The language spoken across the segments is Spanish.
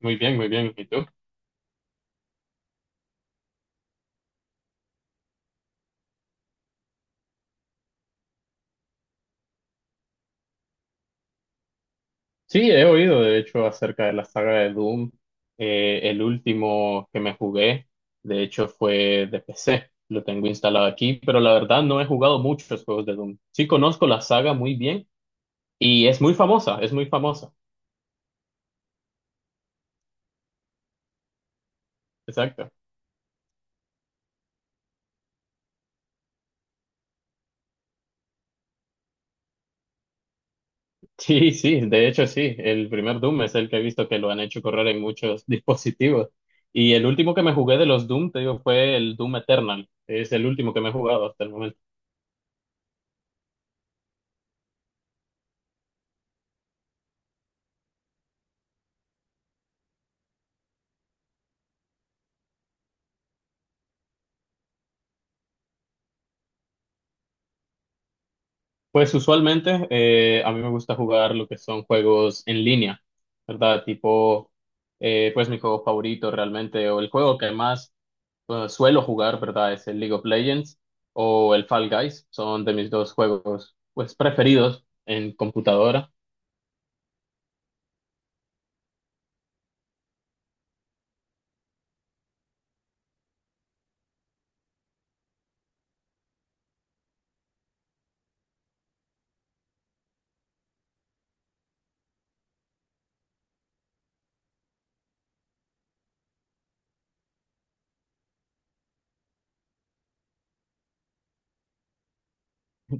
Muy bien, muy bien. ¿Y tú? Sí, he oído de hecho acerca de la saga de Doom. El último que me jugué, de hecho, fue de PC. Lo tengo instalado aquí, pero la verdad no he jugado muchos juegos de Doom. Sí conozco la saga muy bien y es muy famosa, es muy famosa. Exacto. Sí, sí, de hecho sí. El primer Doom es el que he visto que lo han hecho correr en muchos dispositivos. Y el último que me jugué de los Doom, te digo, fue el Doom Eternal. Es el último que me he jugado hasta el momento. Pues usualmente a mí me gusta jugar lo que son juegos en línea, ¿verdad? Tipo, pues mi juego favorito realmente, o el juego que más suelo jugar, ¿verdad? Es el League of Legends o el Fall Guys, son de mis dos juegos pues preferidos en computadora.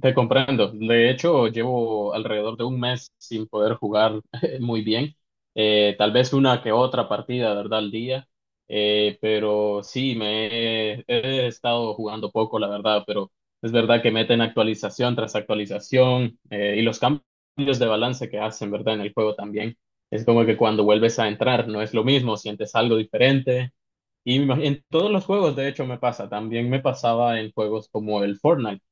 Te comprendo. De hecho, llevo alrededor de un mes sin poder jugar muy bien. Tal vez una que otra partida, ¿verdad? Al día. Pero sí, me he estado jugando poco, la verdad. Pero es verdad que meten actualización tras actualización y los cambios de balance que hacen, ¿verdad? En el juego también. Es como que cuando vuelves a entrar no es lo mismo, sientes algo diferente. Y en todos los juegos, de hecho, me pasa. También me pasaba en juegos como el Fortnite.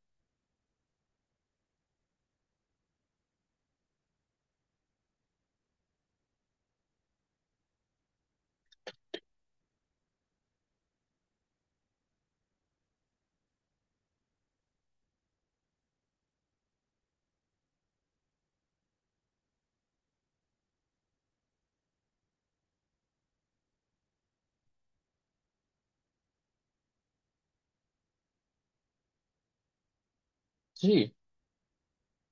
Sí.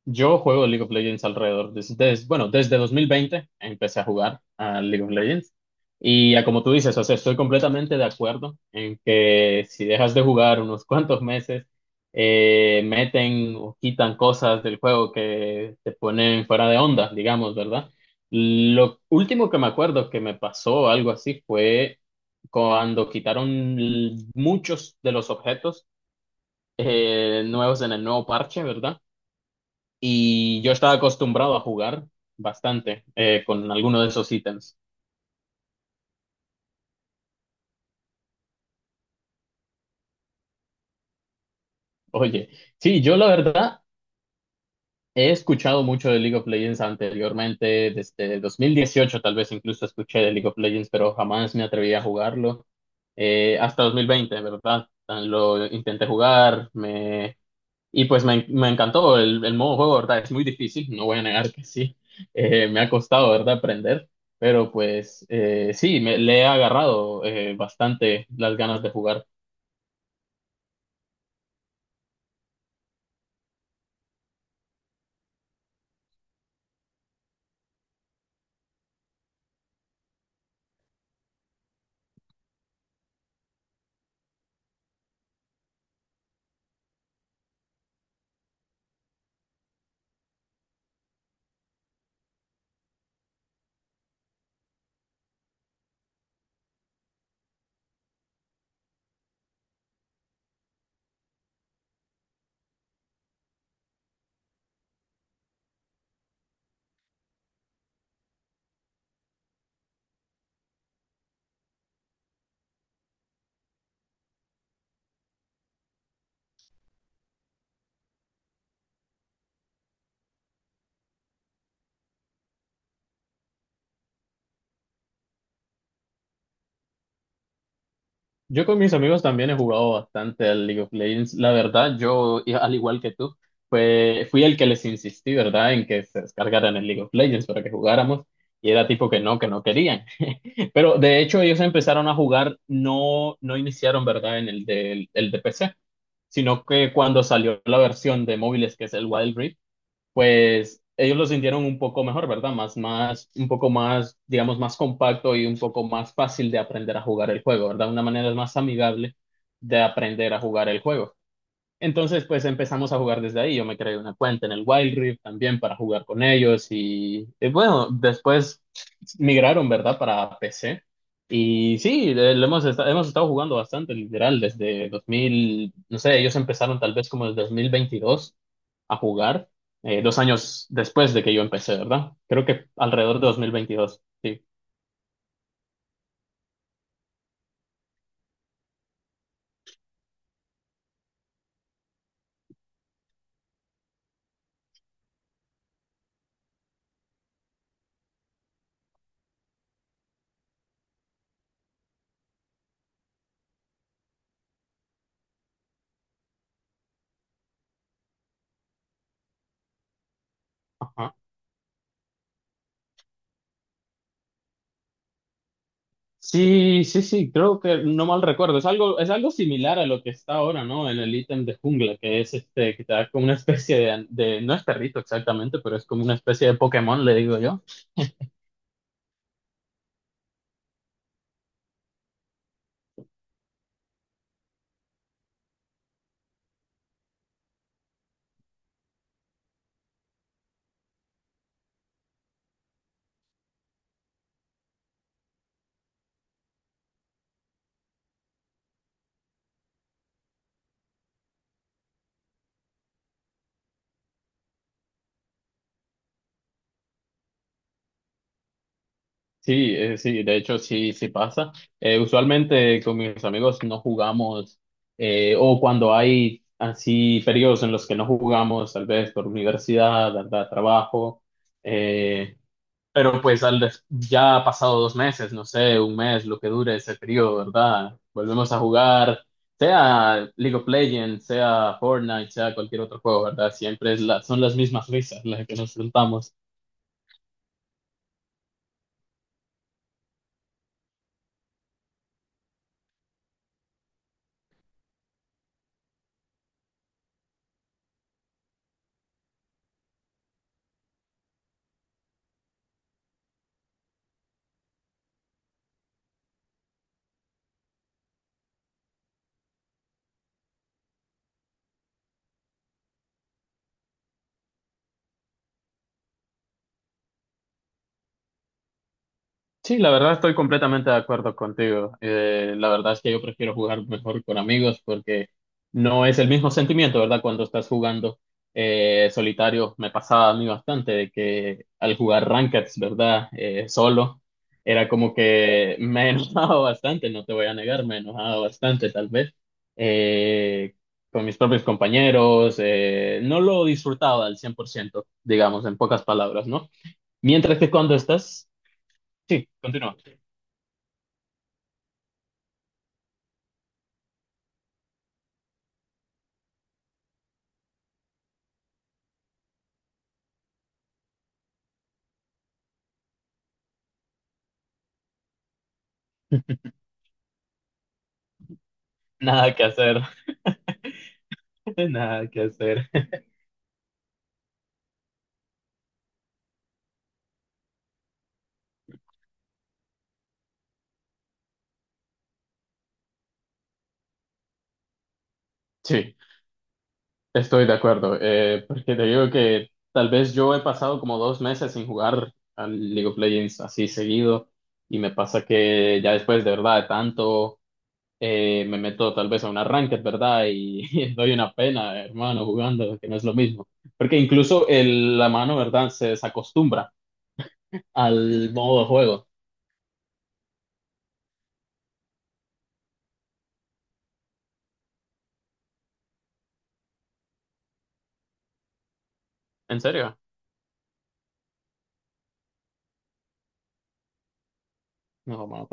Yo juego League of Legends alrededor, desde, bueno, desde 2020 empecé a jugar a League of Legends. Y ya como tú dices, o sea, estoy completamente de acuerdo en que si dejas de jugar unos cuantos meses, meten o quitan cosas del juego que te ponen fuera de onda, digamos, ¿verdad? Lo último que me acuerdo que me pasó algo así fue cuando quitaron muchos de los objetos nuevos en el nuevo parche, ¿verdad? Y yo estaba acostumbrado a jugar bastante con alguno de esos ítems. Oye, sí, yo la verdad he escuchado mucho de League of Legends anteriormente, desde 2018 tal vez incluso escuché de League of Legends, pero jamás me atreví a jugarlo. Hasta 2020, ¿verdad? Lo intenté jugar, me Y pues me encantó el modo juego, ¿verdad? Es muy difícil, no voy a negar que sí. Me ha costado, ¿verdad? Aprender, pero pues sí, me, le he agarrado bastante las ganas de jugar. Yo con mis amigos también he jugado bastante al League of Legends. La verdad, yo, al igual que tú, fue fui el que les insistí, ¿verdad? En que se descargaran el League of Legends para que jugáramos. Y era tipo que no querían. Pero de hecho ellos empezaron a jugar, no, no iniciaron, ¿verdad? En el de PC, sino que cuando salió la versión de móviles, que es el Wild Rift, pues ellos lo sintieron un poco mejor, ¿verdad? Más, más, un poco más, digamos, más compacto y un poco más fácil de aprender a jugar el juego, ¿verdad? Una manera más amigable de aprender a jugar el juego. Entonces, pues empezamos a jugar desde ahí. Yo me creé una cuenta en el Wild Rift también para jugar con ellos y, bueno, después migraron, ¿verdad? Para PC. Y sí, hemos estado jugando bastante, literal, desde 2000. No sé, ellos empezaron tal vez como desde 2022 a jugar, 2 años después de que yo empecé, ¿verdad? Creo que alrededor de 2022. Sí. Sí, sí, sí, creo que no mal recuerdo. Es algo similar a lo que está ahora, ¿no? En el ítem de jungla, que es este, que te da como una especie no es perrito exactamente, pero es como una especie de Pokémon, le digo yo. Sí, sí, de hecho sí, sí pasa. Usualmente con mis amigos no jugamos, o cuando hay así periodos en los que no jugamos, tal vez por universidad, andar a trabajo. eh, Pero pues ya ha pasado 2 meses, no sé, un mes, lo que dure ese periodo, ¿verdad? Volvemos a jugar, sea League of Legends, sea Fortnite, sea cualquier otro juego, ¿verdad? Siempre son las mismas risas las que nos enfrentamos. Sí, la verdad estoy completamente de acuerdo contigo. La verdad es que yo prefiero jugar mejor con amigos porque no es el mismo sentimiento, ¿verdad? Cuando estás jugando solitario, me pasaba a mí bastante de que al jugar rankeds, ¿verdad? Solo, era como que me enojaba bastante, no te voy a negar, me enojaba bastante tal vez eh, con mis propios compañeros, no lo disfrutaba al 100%, digamos, en pocas palabras, ¿no? Mientras que cuando estás... Sí, continúa. Nada que hacer, nada que hacer. Sí, estoy de acuerdo, porque te digo que tal vez yo he pasado como 2 meses sin jugar al League of Legends así seguido y me pasa que ya después de verdad de tanto me meto tal vez a una ranked, ¿verdad? Y, doy una pena, hermano, jugando, que no es lo mismo, porque incluso el, la mano, ¿verdad? Se desacostumbra al modo de juego. ¿En serio? No, mano.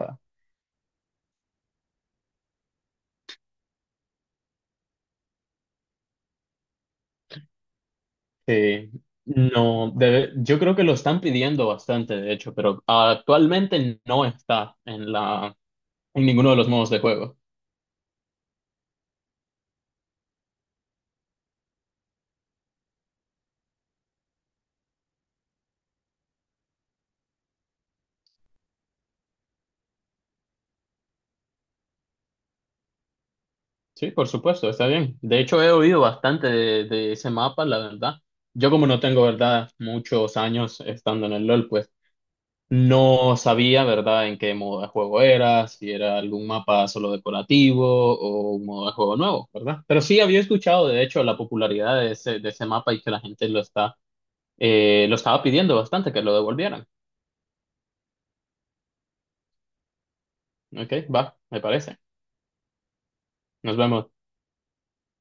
Sí, no, debe- yo creo que lo están pidiendo bastante, de hecho, pero actualmente no está en ninguno de los modos de juego. Sí, por supuesto, está bien. De hecho, he oído bastante de ese mapa, la verdad. Yo como no tengo, verdad, muchos años estando en el LOL, pues no sabía, verdad, en qué modo de juego era, si era algún mapa solo decorativo o un modo de juego nuevo, ¿verdad? Pero sí había escuchado, de hecho, la popularidad de ese mapa y que la gente lo está lo estaba pidiendo bastante que lo devolvieran. Ok, va, me parece. Nos vemos.